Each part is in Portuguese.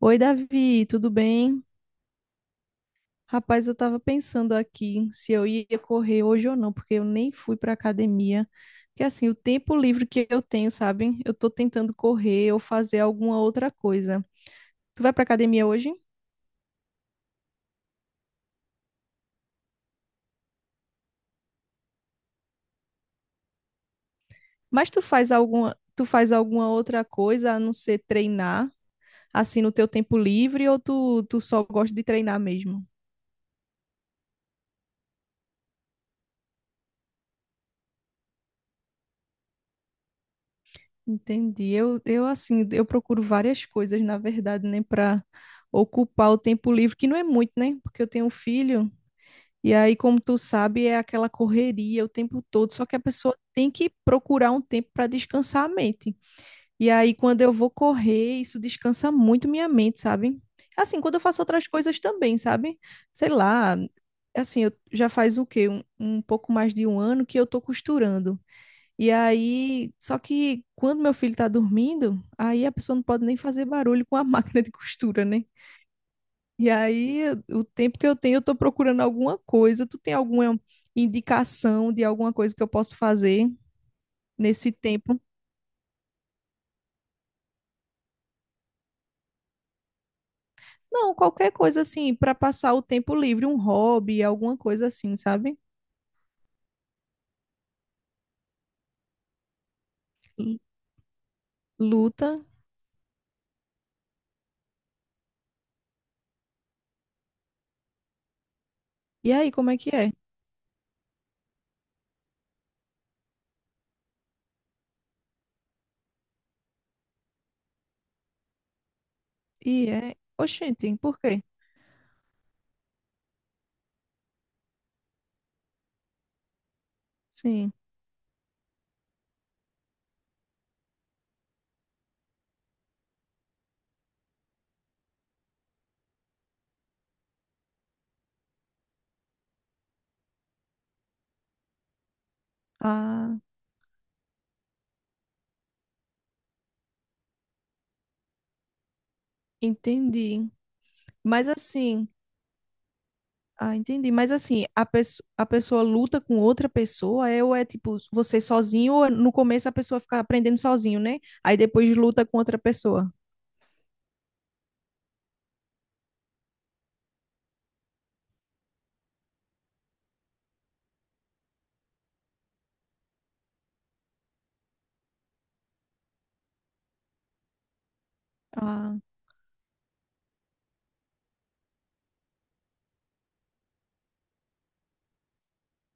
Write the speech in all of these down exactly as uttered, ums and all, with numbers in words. Oi, Davi, tudo bem? Rapaz, eu tava pensando aqui se eu ia correr hoje ou não, porque eu nem fui pra academia. Porque assim, o tempo livre que eu tenho, sabe? Eu tô tentando correr ou fazer alguma outra coisa. Tu vai pra academia hoje? Mas tu faz alguma, tu faz alguma outra coisa a não ser treinar, assim, no teu tempo livre, ou tu, tu só gosta de treinar mesmo? Entendi. Eu, eu assim, eu procuro várias coisas, na verdade, né, para ocupar o tempo livre, que não é muito, né? Porque eu tenho um filho, e aí, como tu sabe, é aquela correria o tempo todo, só que a pessoa tem que procurar um tempo para descansar a mente. E aí, quando eu vou correr, isso descansa muito minha mente, sabe? Assim, quando eu faço outras coisas também, sabe? Sei lá, assim, eu já faz o quê? Um, um pouco mais de um ano que eu tô costurando. E aí, só que quando meu filho tá dormindo, aí a pessoa não pode nem fazer barulho com a máquina de costura, né? E aí, o tempo que eu tenho, eu tô procurando alguma coisa. Tu tem alguma indicação de alguma coisa que eu posso fazer nesse tempo? Não, qualquer coisa assim, para passar o tempo livre, um hobby, alguma coisa assim, sabe? L- Luta. E aí, como é que é? E é, oxente, por quê? Sim. Ah, entendi. Mas assim, Ah, entendi. Mas assim, a, pesso- a pessoa luta com outra pessoa, é, ou é tipo você sozinho, ou no começo a pessoa fica aprendendo sozinho, né? Aí depois luta com outra pessoa. Ah,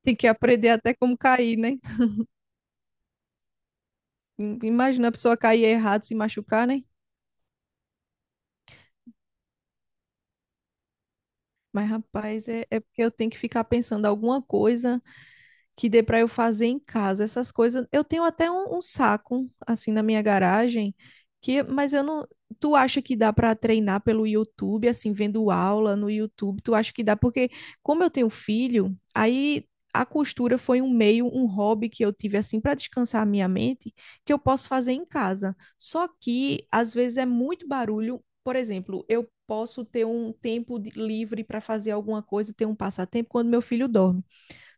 tem que aprender até como cair, né? Im- Imagina a pessoa cair errado, se machucar, né? Mas, rapaz, é, é porque eu tenho que ficar pensando alguma coisa que dê para eu fazer em casa. Essas coisas, eu tenho até um, um saco assim na minha garagem que, mas eu não, tu acha que dá para treinar pelo YouTube, assim, vendo aula no YouTube? Tu acha que dá? Porque como eu tenho filho, aí a costura foi um meio, um hobby que eu tive assim para descansar a minha mente, que eu posso fazer em casa. Só que às vezes é muito barulho. Por exemplo, eu posso ter um tempo de- livre para fazer alguma coisa, ter um passatempo quando meu filho dorme.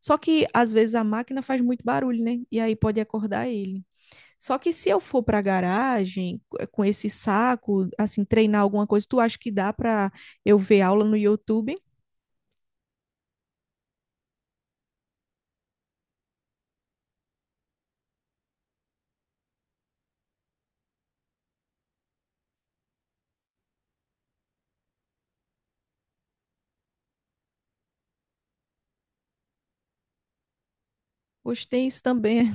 Só que às vezes a máquina faz muito barulho, né? E aí pode acordar ele. Só que se eu for para a garagem com esse saco, assim, treinar alguma coisa, tu acha que dá para eu ver aula no YouTube? Hoje tem isso também.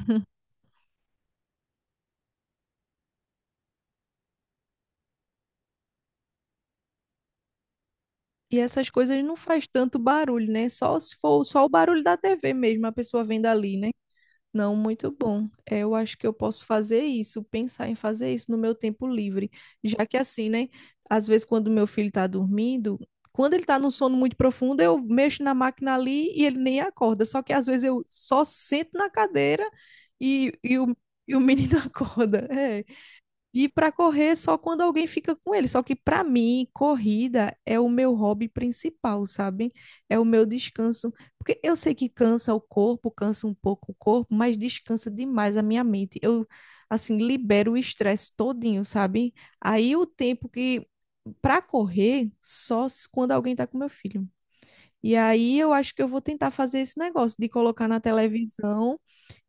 E essas coisas não faz tanto barulho, né? Só se for só o barulho da T V mesmo, a pessoa vendo ali, né? Não, muito bom. É, eu acho que eu posso fazer isso, pensar em fazer isso no meu tempo livre. Já que assim, né? Às vezes, quando meu filho tá dormindo, quando ele tá num sono muito profundo, eu mexo na máquina ali e ele nem acorda. Só que às vezes eu só sento na cadeira e, e o, e o menino acorda. É. E para correr só quando alguém fica com ele. Só que para mim, corrida é o meu hobby principal, sabe? É o meu descanso. Porque eu sei que cansa o corpo, cansa um pouco o corpo, mas descansa demais a minha mente. Eu, assim, libero o estresse todinho, sabe? Aí o tempo que para correr só se- quando alguém tá com meu filho. E aí eu acho que eu vou tentar fazer esse negócio de colocar na televisão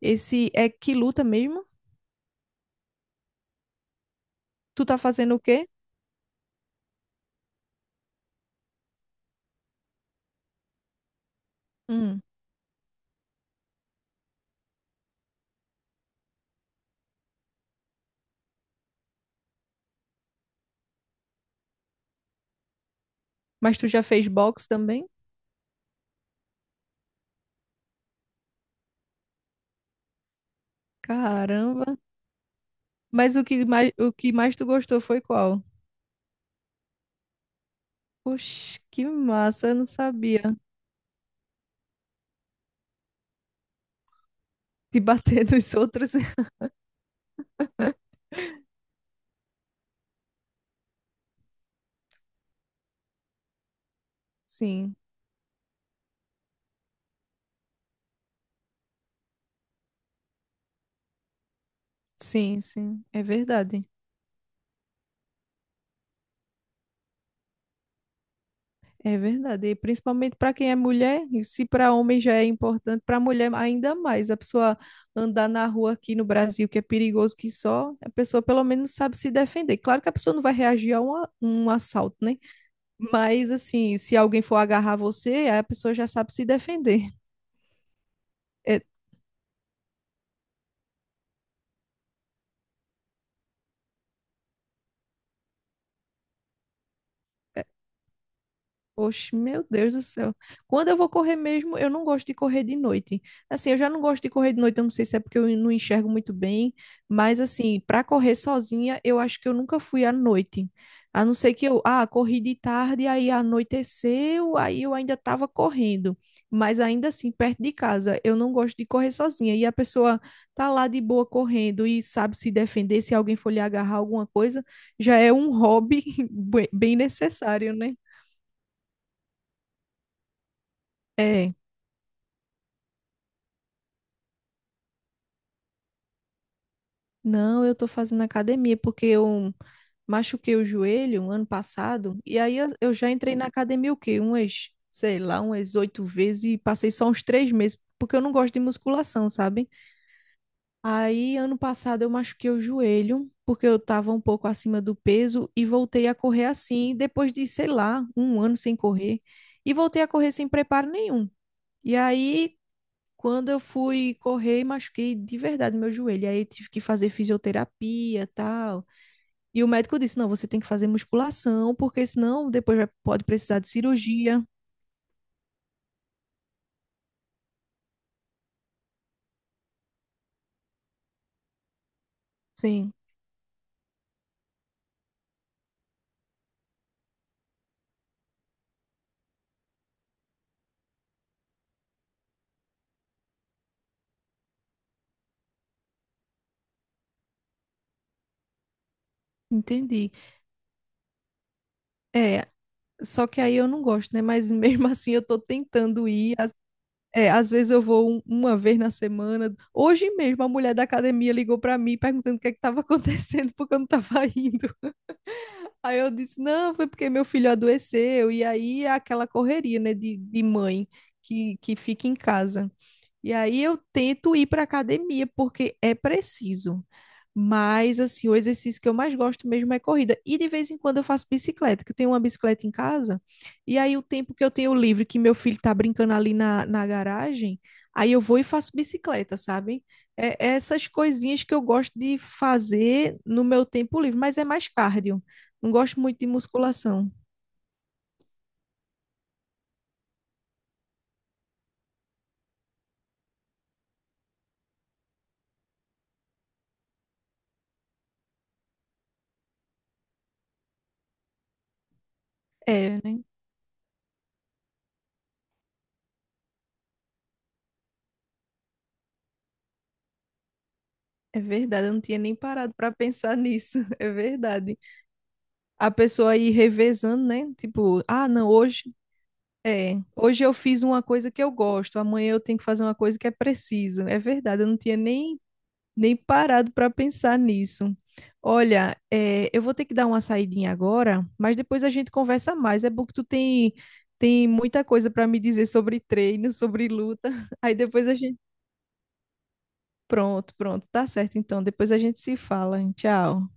esse é que luta mesmo? Tu tá fazendo o quê? Mas tu já fez box também? Caramba. Mas o que mais, o que mais tu gostou foi qual? Oxe, que massa, eu não sabia. De bater nos outros. Sim, sim, sim, é verdade. É verdade. E principalmente para quem é mulher, e se para homem já é importante, para mulher ainda mais. A pessoa andar na rua aqui no Brasil, que é perigoso que só, a pessoa pelo menos sabe se defender. Claro que a pessoa não vai reagir a um, a- um assalto, né? Mas assim, se alguém for agarrar você, aí a pessoa já sabe se defender. É, é, oxe, meu Deus do céu. Quando eu vou correr mesmo, eu não gosto de correr de noite. Assim, eu já não gosto de correr de noite, eu não sei se é porque eu não enxergo muito bem, mas assim, para correr sozinha, eu acho que eu nunca fui à noite. A não ser que eu, ah, corri de tarde, aí anoiteceu, aí eu ainda estava correndo. Mas ainda assim, perto de casa, eu não gosto de correr sozinha. E a pessoa tá lá de boa correndo e sabe se defender, se alguém for lhe agarrar alguma coisa, já é um hobby bem bem necessário, né? É, não, eu tô fazendo academia porque eu machuquei o joelho um ano passado e aí eu, eu já entrei na academia o quê? Umas, sei lá, umas oito vezes e passei só uns três meses porque eu não gosto de musculação, sabe? Aí ano passado eu machuquei o joelho porque eu tava um pouco acima do peso e voltei a correr assim depois de, sei lá, um ano sem correr e voltei a correr sem preparo nenhum. E aí Quando eu fui correr, machuquei de verdade meu joelho. Aí eu tive que fazer fisioterapia, e tal. E o médico disse: "Não, você tem que fazer musculação, porque senão depois vai- pode precisar de cirurgia". Sim, entendi. É, só que aí eu não gosto, né? Mas mesmo assim eu tô tentando ir. Às- É, às vezes eu vou um- uma vez na semana. Hoje mesmo a mulher da academia ligou pra mim perguntando o que é que tava acontecendo porque eu não tava indo. Aí eu disse, não, foi porque meu filho adoeceu. E aí é aquela correria, né, de, de mãe que, que fica em casa. E aí eu tento ir para academia porque é preciso. Mas assim, o exercício que eu mais gosto mesmo é corrida. E de vez em quando eu faço bicicleta, que eu tenho uma bicicleta em casa. E aí o tempo que eu tenho livre, que meu filho tá brincando ali na, na garagem, aí eu vou e faço bicicleta, sabe? É é essas coisinhas que eu gosto de fazer no meu tempo livre, mas é mais cardio. Não gosto muito de musculação. É, né? É verdade, eu não tinha nem parado para pensar nisso. É verdade. A pessoa ir revezando, né? Tipo, ah, não, hoje é, hoje eu fiz uma coisa que eu gosto, amanhã eu tenho que fazer uma coisa que é preciso. É verdade, eu não tinha nem nem parado para pensar nisso. Olha, é, eu vou ter que dar uma saidinha agora, mas depois a gente conversa mais. É bom que tu tem tem muita coisa para me dizer sobre treino, sobre luta. Aí depois a gente Pronto, pronto, tá certo. Então, depois a gente se fala. Hein? Tchau.